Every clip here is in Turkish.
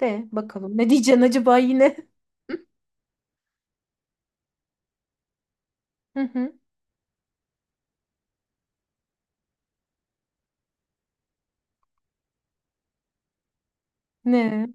De bakalım. Ne diyeceksin acaba yine? Hı hı. Ne?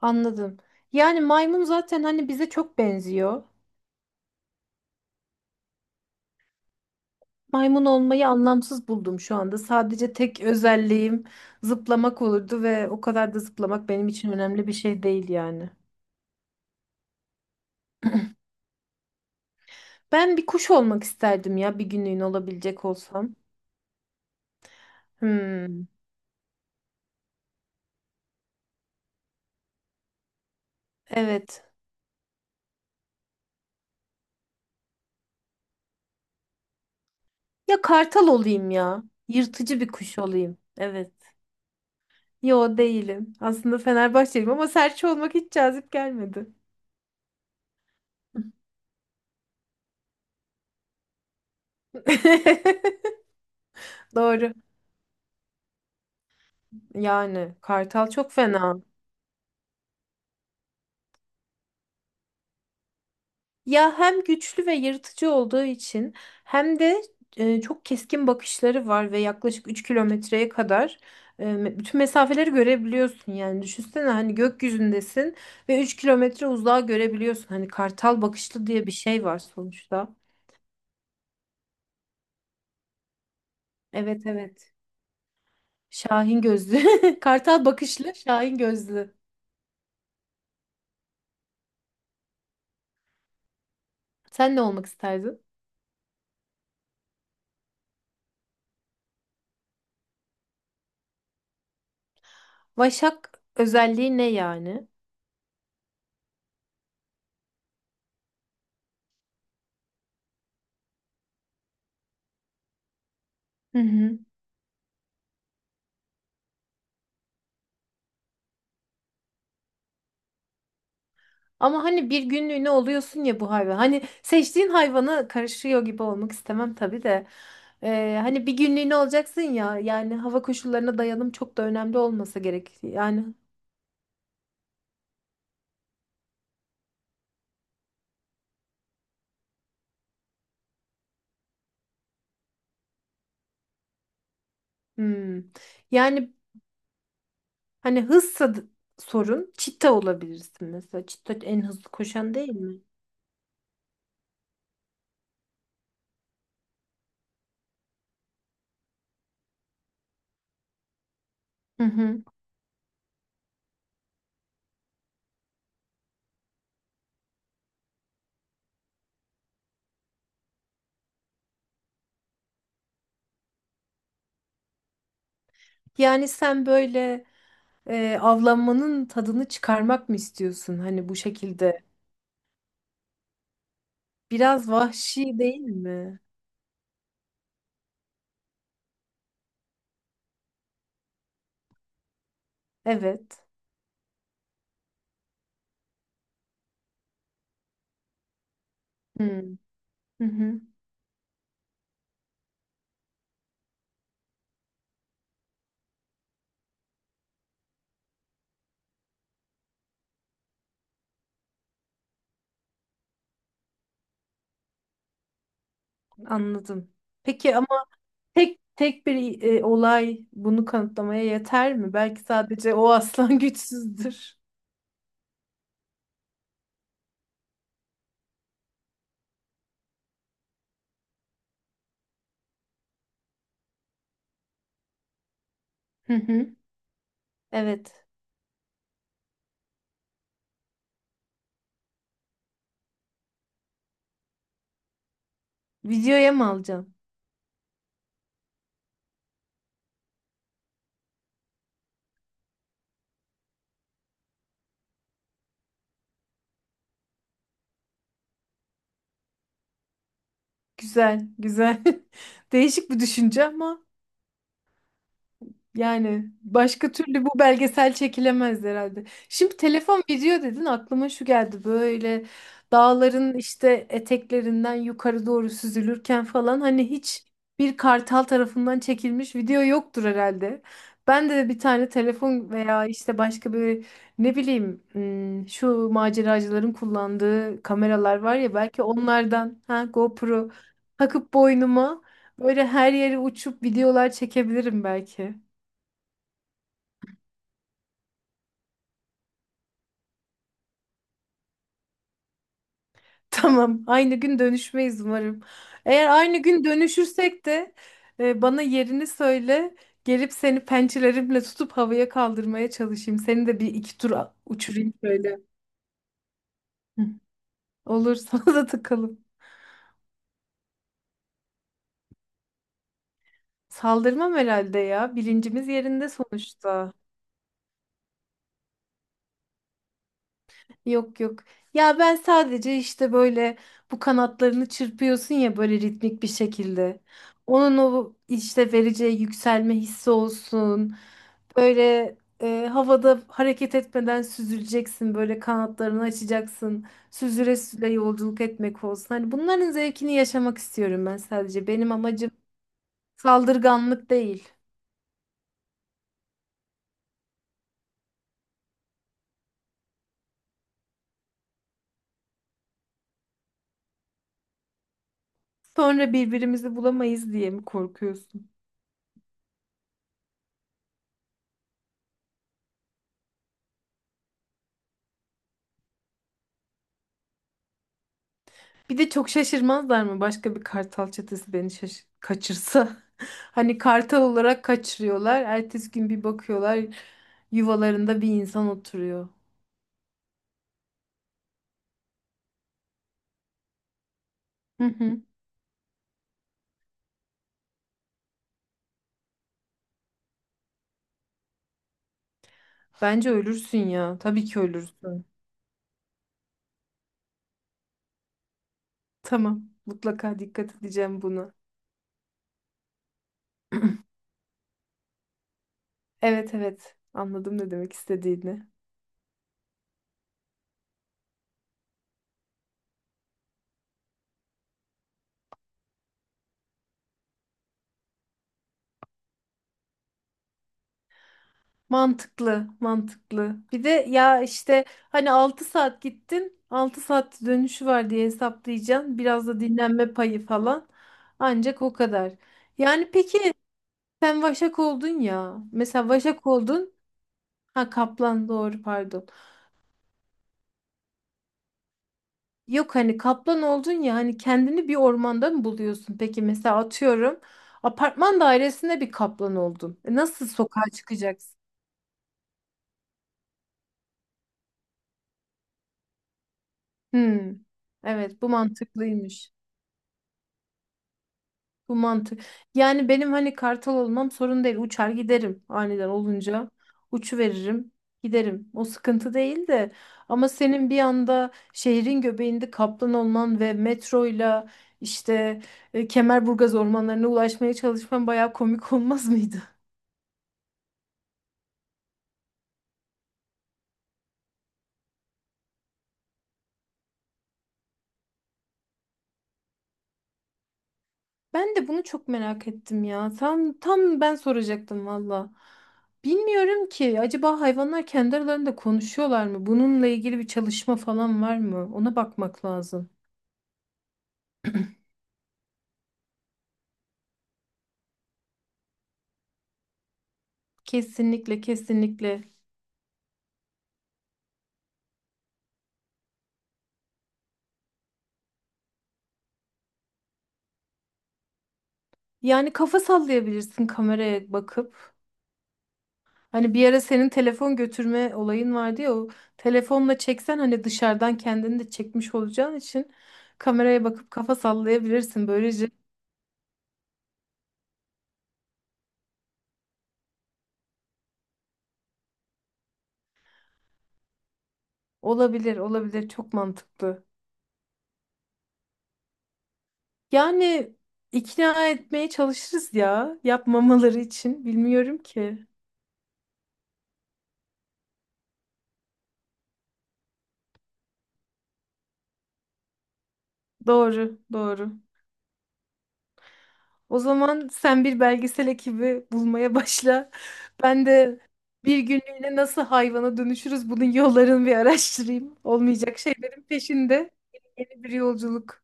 Anladım. Yani maymun zaten hani bize çok benziyor. Maymun olmayı anlamsız buldum şu anda. Sadece tek özelliğim zıplamak olurdu ve o kadar da zıplamak benim için önemli bir şey değil yani. Ben bir kuş olmak isterdim ya bir günlüğüne olabilecek olsam. Hmm. Evet. Ya kartal olayım ya. Yırtıcı bir kuş olayım. Evet. Yo değilim. Aslında Fenerbahçeliyim ama serçe olmak hiç cazip gelmedi. Doğru. Yani kartal çok fena. Ya hem güçlü ve yırtıcı olduğu için hem de çok keskin bakışları var ve yaklaşık 3 kilometreye kadar bütün mesafeleri görebiliyorsun. Yani düşünsene hani gökyüzündesin ve 3 kilometre uzağa görebiliyorsun. Hani kartal bakışlı diye bir şey var sonuçta. Evet evet. Şahin gözlü. Kartal bakışlı, Şahin gözlü. Sen ne olmak isterdin? Vaşak özelliği ne yani? Hı hı. Ama hani bir günlüğüne oluyorsun ya bu hayvan. Hani seçtiğin hayvana karışıyor gibi olmak istemem tabii de. Hani bir günlüğüne olacaksın ya. Yani hava koşullarına dayanım çok da önemli olmasa gerek. Yani hmm. Yani hani hızsa sorun. Çita olabilirsin mesela. Çita en hızlı koşan değil mi? Hı hı. Yani sen böyle avlanmanın tadını çıkarmak mı istiyorsun? Hani bu şekilde. Biraz vahşi değil mi? Evet. Hmm. Hı hı. Anladım. Peki ama tek tek bir olay bunu kanıtlamaya yeter mi? Belki sadece o aslan güçsüzdür. Hı hı. Evet. Videoya mı alacağım? Güzel, güzel. Değişik bir düşünce ama yani başka türlü bu belgesel çekilemez herhalde. Şimdi telefon video dedin aklıma şu geldi böyle dağların işte eteklerinden yukarı doğru süzülürken falan hani hiç bir kartal tarafından çekilmiş video yoktur herhalde. Ben de bir tane telefon veya işte başka bir ne bileyim şu maceracıların kullandığı kameralar var ya belki onlardan ha GoPro takıp boynuma böyle her yere uçup videolar çekebilirim belki. Tamam, aynı gün dönüşmeyiz umarım. Eğer aynı gün dönüşürsek de bana yerini söyle. Gelip seni pençelerimle tutup havaya kaldırmaya çalışayım. Seni de bir iki tur uçurayım şöyle. Hı. Olur, sana da takalım. Saldırmam herhalde ya. Bilincimiz yerinde sonuçta. Yok yok. Ya ben sadece işte böyle bu kanatlarını çırpıyorsun ya böyle ritmik bir şekilde. Onun o işte vereceği yükselme hissi olsun. Böyle havada hareket etmeden süzüleceksin. Böyle kanatlarını açacaksın. Süzüle süzüle yolculuk etmek olsun. Hani bunların zevkini yaşamak istiyorum ben sadece. Benim amacım saldırganlık değil. Sonra birbirimizi bulamayız diye mi korkuyorsun? Bir de çok şaşırmazlar mı başka bir kartal çetesi beni kaçırsa? Hani kartal olarak kaçırıyorlar. Ertesi gün bir bakıyorlar yuvalarında bir insan oturuyor. Hı hı. Bence ölürsün ya. Tabii ki ölürsün. Tamam. Mutlaka dikkat edeceğim buna. Evet evet. Anladım ne demek istediğini. Mantıklı, mantıklı. Bir de ya işte hani 6 saat gittin, 6 saat dönüşü var diye hesaplayacaksın. Biraz da dinlenme payı falan. Ancak o kadar. Yani peki sen Vaşak oldun ya. Mesela Vaşak oldun. Ha Kaplan doğru pardon. Yok hani Kaplan oldun ya hani kendini bir ormanda mı buluyorsun? Peki mesela atıyorum apartman dairesinde bir Kaplan oldun. Nasıl sokağa çıkacaksın? Hmm, evet bu mantıklıymış. Bu mantık. Yani benim hani kartal olmam sorun değil. Uçar giderim aniden olunca. Uçu veririm, giderim. O sıkıntı değil de ama senin bir anda şehrin göbeğinde kaplan olman ve metroyla işte Kemerburgaz ormanlarına ulaşmaya çalışman bayağı komik olmaz mıydı? Ben de bunu çok merak ettim ya. Tam tam ben soracaktım valla. Bilmiyorum ki acaba hayvanlar kendi aralarında konuşuyorlar mı? Bununla ilgili bir çalışma falan var mı? Ona bakmak lazım. Kesinlikle, kesinlikle. Yani kafa sallayabilirsin kameraya bakıp. Hani bir ara senin telefon götürme olayın vardı ya o telefonla çeksen hani dışarıdan kendini de çekmiş olacağın için kameraya bakıp kafa sallayabilirsin. Böylece olabilir, olabilir. Çok mantıklı. Yani ikna etmeye çalışırız ya yapmamaları için. Bilmiyorum ki. Doğru, doğru. O zaman sen bir belgesel ekibi bulmaya başla. Ben de bir günlüğüne nasıl hayvana dönüşürüz bunun yollarını bir araştırayım. Olmayacak şeylerin peşinde yeni bir yolculuk.